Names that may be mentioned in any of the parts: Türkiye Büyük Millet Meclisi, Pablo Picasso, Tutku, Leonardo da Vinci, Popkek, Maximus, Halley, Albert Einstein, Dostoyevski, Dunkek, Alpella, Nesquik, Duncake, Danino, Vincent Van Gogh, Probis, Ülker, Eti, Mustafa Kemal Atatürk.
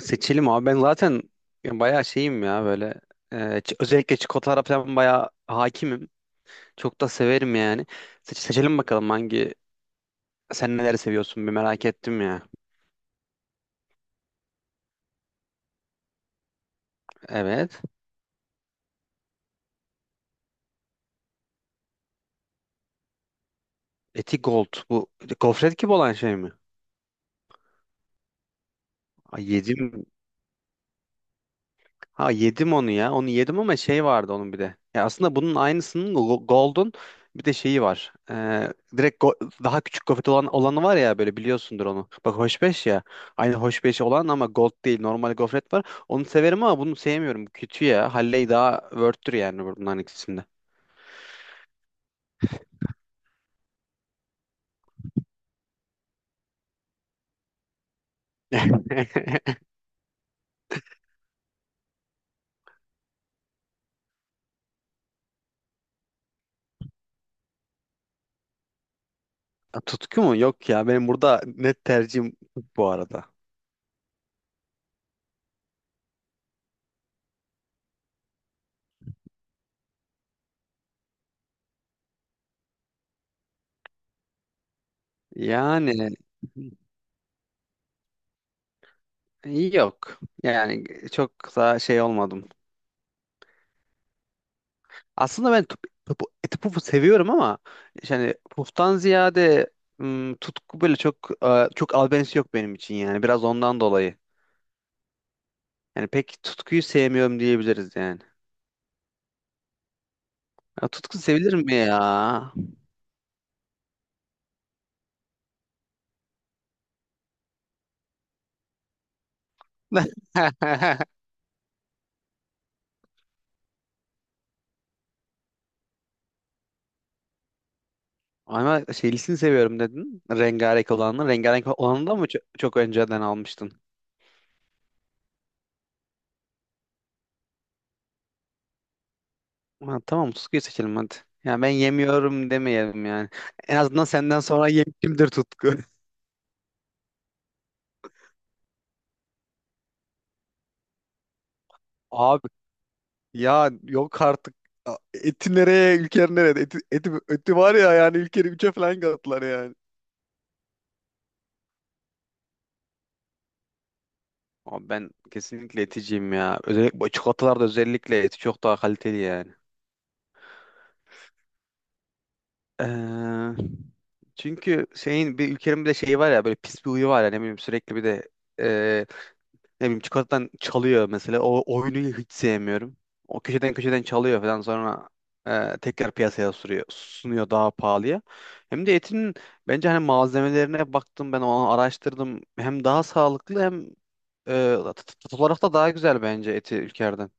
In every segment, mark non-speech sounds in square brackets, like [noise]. Seçelim abi. Ben zaten bayağı şeyim ya böyle. Özellikle çikolatalara falan bayağı hakimim. Çok da severim yani. Seçelim bakalım hangi, sen neler seviyorsun bir merak ettim ya. Evet. Eti Gold. Bu gofret gibi olan şey mi? Ay yedim. Ha yedim onu ya. Onu yedim ama şey vardı onun bir de. Ya aslında bunun aynısının Golden bir de şeyi var. Direkt daha küçük gofret olan olanı var ya böyle, biliyorsundur onu. Bak hoşbeş ya. Aynı hoşbeş olan ama gold değil. Normal gofret var. Onu severim ama bunu sevmiyorum. Kötü ya. Halley daha worth'tür yani bunların ikisinde. [laughs] Tutku mu? Yok ya. Benim burada net tercihim bu arada. Yani yok. Yani çok da şey olmadım. Aslında ben eti pufu seviyorum ama yani puftan ziyade, tutku böyle çok albenisi yok benim için yani. Biraz ondan dolayı. Yani pek tutkuyu sevmiyorum diyebiliriz yani. Ya, tutku sevilir mi ya? [laughs] Ama şeylisini seviyorum dedin. Rengarenk olanını. Rengarenk olanı da mı çok önceden almıştın? Ha, tamam, tutkuyu seçelim hadi. Ya ben yemiyorum demeyelim yani. En azından senden sonra yemişimdir tutku. [laughs] Abi ya yok artık. Eti nereye, ülker nereye? Eti var ya, yani ülkeri üçe falan kattılar yani. Abi ben kesinlikle eticiyim ya. Özellikle bu çikolatalarda özellikle eti çok daha kaliteli yani. Ee, Çünkü şeyin bir ülkenin bir de şeyi var ya, böyle pis bir huyu var ya, ne bileyim sürekli bir de ne bileyim çikolatadan çalıyor mesela. O oyunu hiç sevmiyorum. O köşeden köşeden çalıyor falan, sonra tekrar piyasaya sürüyor, sunuyor daha pahalıya. Hem de etinin bence, hani malzemelerine baktım ben, onu araştırdım. Hem daha sağlıklı hem tat olarak da daha güzel bence eti ülkerden.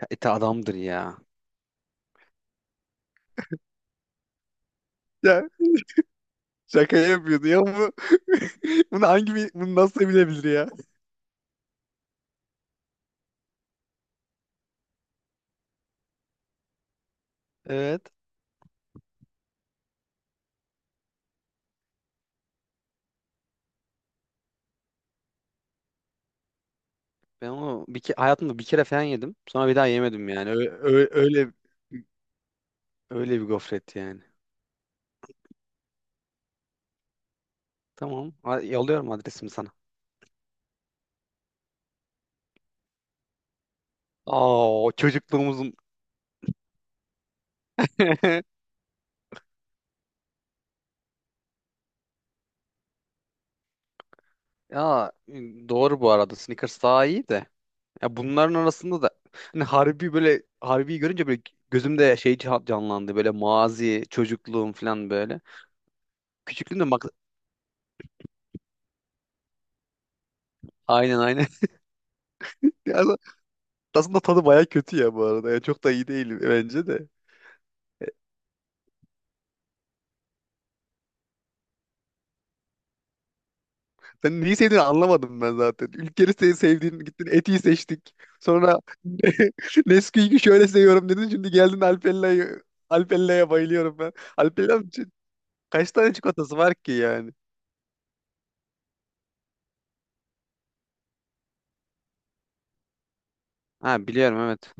Ya Eti adamdır ya. Ya şaka yapıyordu ya bu. [laughs] Bunu hangi bir, bunu nasıl bilebilir ya? Evet. Ben onu hayatımda bir kere falan yedim. Sonra bir daha yemedim yani. Öyle, Öyle bir gofret yani. Tamam. Yolluyorum adresimi sana. Aa, o çocukluğumuzun. [laughs] Ya doğru bu arada. Snickers daha iyi de. Ya bunların arasında da hani Harbi, böyle Harbi'yi görünce böyle gözümde şey canlandı. Böyle mazi, çocukluğum falan böyle. Küçüklüğümde bak, aynen. [laughs] Ya aslında tadı baya kötü ya bu arada. Ya çok da iyi değil bence de. Sen neyi sevdiğini anlamadım ben zaten. Ülkeni sevdiğin, gittin Eti'yi seçtik. Sonra [laughs] Nesquik'i şöyle seviyorum dedin. Şimdi geldin Alpella'yı. Alpella'ya bayılıyorum ben. Alpella'nın kaç tane çikolatası var ki yani? Ha biliyorum, evet.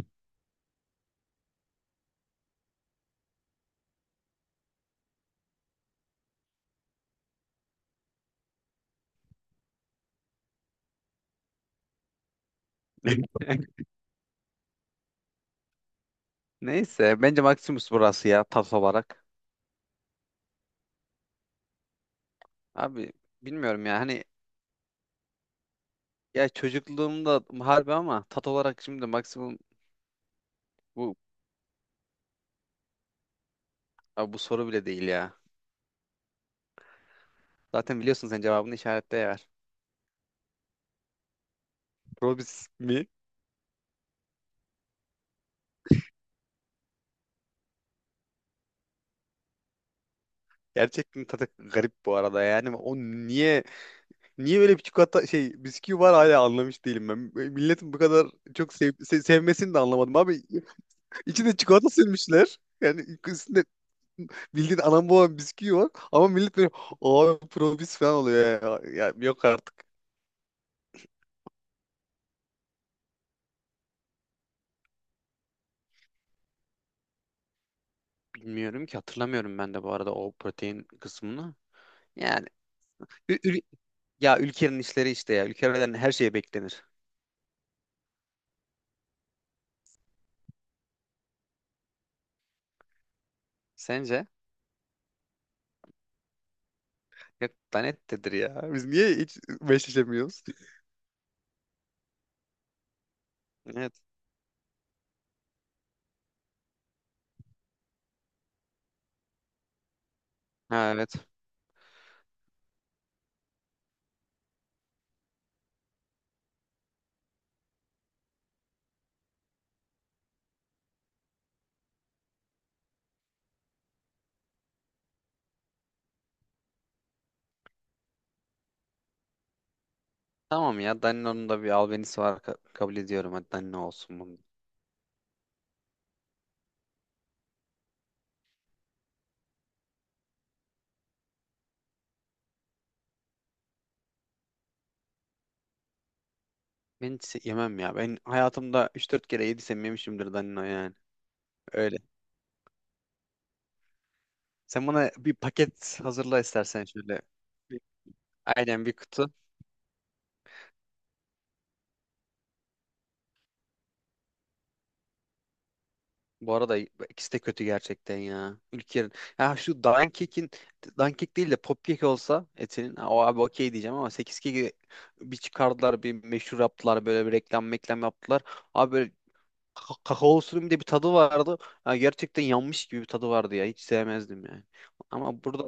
[laughs] Neyse bence Maximus burası ya tat olarak. Abi bilmiyorum ya hani, ya çocukluğumda harbi ama tat olarak şimdi Maximum. Bu abi bu soru bile değil ya. Zaten biliyorsun sen cevabını, işaretle ver. Probis mi? Gerçekten tadı garip bu arada yani. O niye böyle bir çikolata şey bisküvi var hala anlamış değilim ben. Milletin bu kadar sevmesini de anlamadım abi. İçine çikolata sürmüşler. Yani üstünde bildiğin anam babam bisküvi var ama millet böyle abi probis falan oluyor ya. Ya yok artık. Bilmiyorum ki, hatırlamıyorum ben de bu arada o protein kısmını. Yani ü- ül- ya ülkenin işleri işte ya. Ülkelerden her şey beklenir. Sence? Yok lanettedir ya. Biz niye hiç meşleşemiyoruz? Evet. Ha evet. Tamam ya, Danino'nun da bir albenisi var, kabul ediyorum. Hadi Danino olsun bunu. Ben hiç yemem ya. Ben hayatımda üç dört kere yediysem yemişimdir Danino yani. Öyle. Sen bana bir paket hazırla istersen şöyle. Bir- Aynen bir kutu. Bu arada ikisi de kötü gerçekten ya. Ülker'in. Ya şu Duncake'in, Dunkek değil de Popkek olsa etinin, ha, o abi okey diyeceğim ama 8 keki bir çıkardılar, bir meşhur yaptılar, böyle bir reklam meklam yaptılar. Abi böyle kakaolusunun bir de bir tadı vardı. Ya gerçekten yanmış gibi bir tadı vardı ya. Hiç sevmezdim yani. Ama burada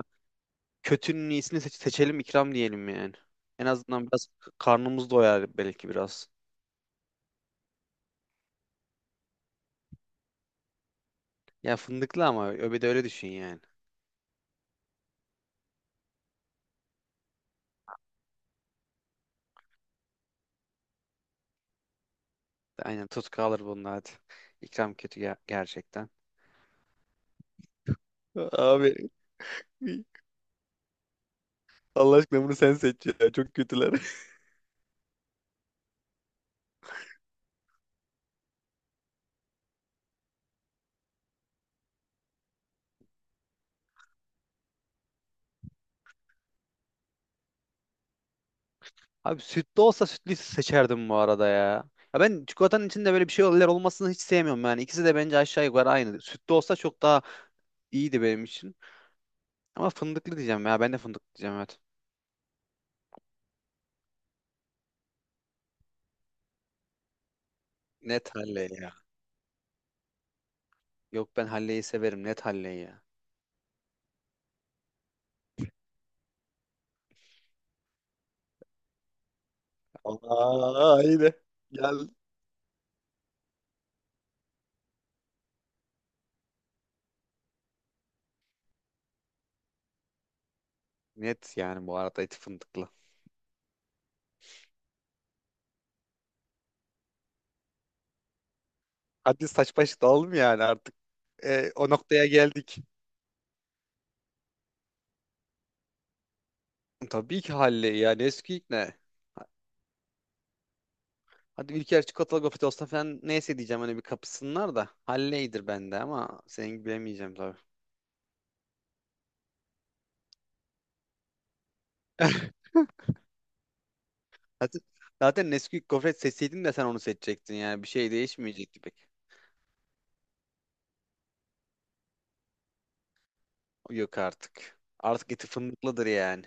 kötünün iyisini seçelim, ikram diyelim yani. En azından biraz karnımız doyar belki biraz. Ya fındıklı ama öbede öyle düşün yani. Aynen tut kalır bunun hadi. İkram kötü, gerçekten. Abi Allah aşkına bunu sen seç ya. Çok kötüler. Abi sütlü olsa sütlüyü seçerdim bu arada ya. Ya ben çikolatanın içinde böyle bir şey şeyler olmasını hiç sevmiyorum yani. İkisi de bence aşağı yukarı aynı. Sütlü olsa çok daha iyiydi benim için. Ama fındıklı diyeceğim ya. Ben de fındıklı diyeceğim, evet. Net halle ya. Yok ben halleyi severim. Net halleyi ya. Aa, yine. Gel. Net yani bu arada eti fındıklı. Hadi saç baş dalalım yani artık. O noktaya geldik. Tabii ki halleyi, yani eski ne? Hadi Ülker çikolatalı gofret olsa falan neyse diyeceğim, hani bir kapısınlar da. Halleydir bende, ama senin gibi bilemeyeceğim tabii. [laughs] Zaten, Zaten Nesquik gofret seçseydin de sen onu seçecektin yani. Bir şey değişmeyecekti pek. Yok artık. Artık eti fındıklıdır yani.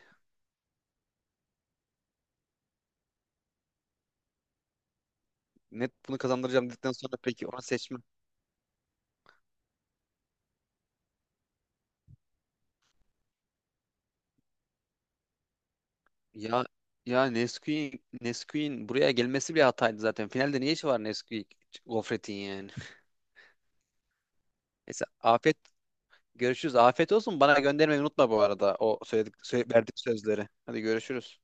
Net bunu kazandıracağım dedikten sonra peki onu seçme. Ya ya Nesquik'in buraya gelmesi bir hataydı zaten. Finalde ne işi var Nesquik gofretin yani. [laughs] Neyse afet, görüşürüz. Afiyet olsun. Bana göndermeyi unutma bu arada o verdiğim sözleri. Hadi görüşürüz.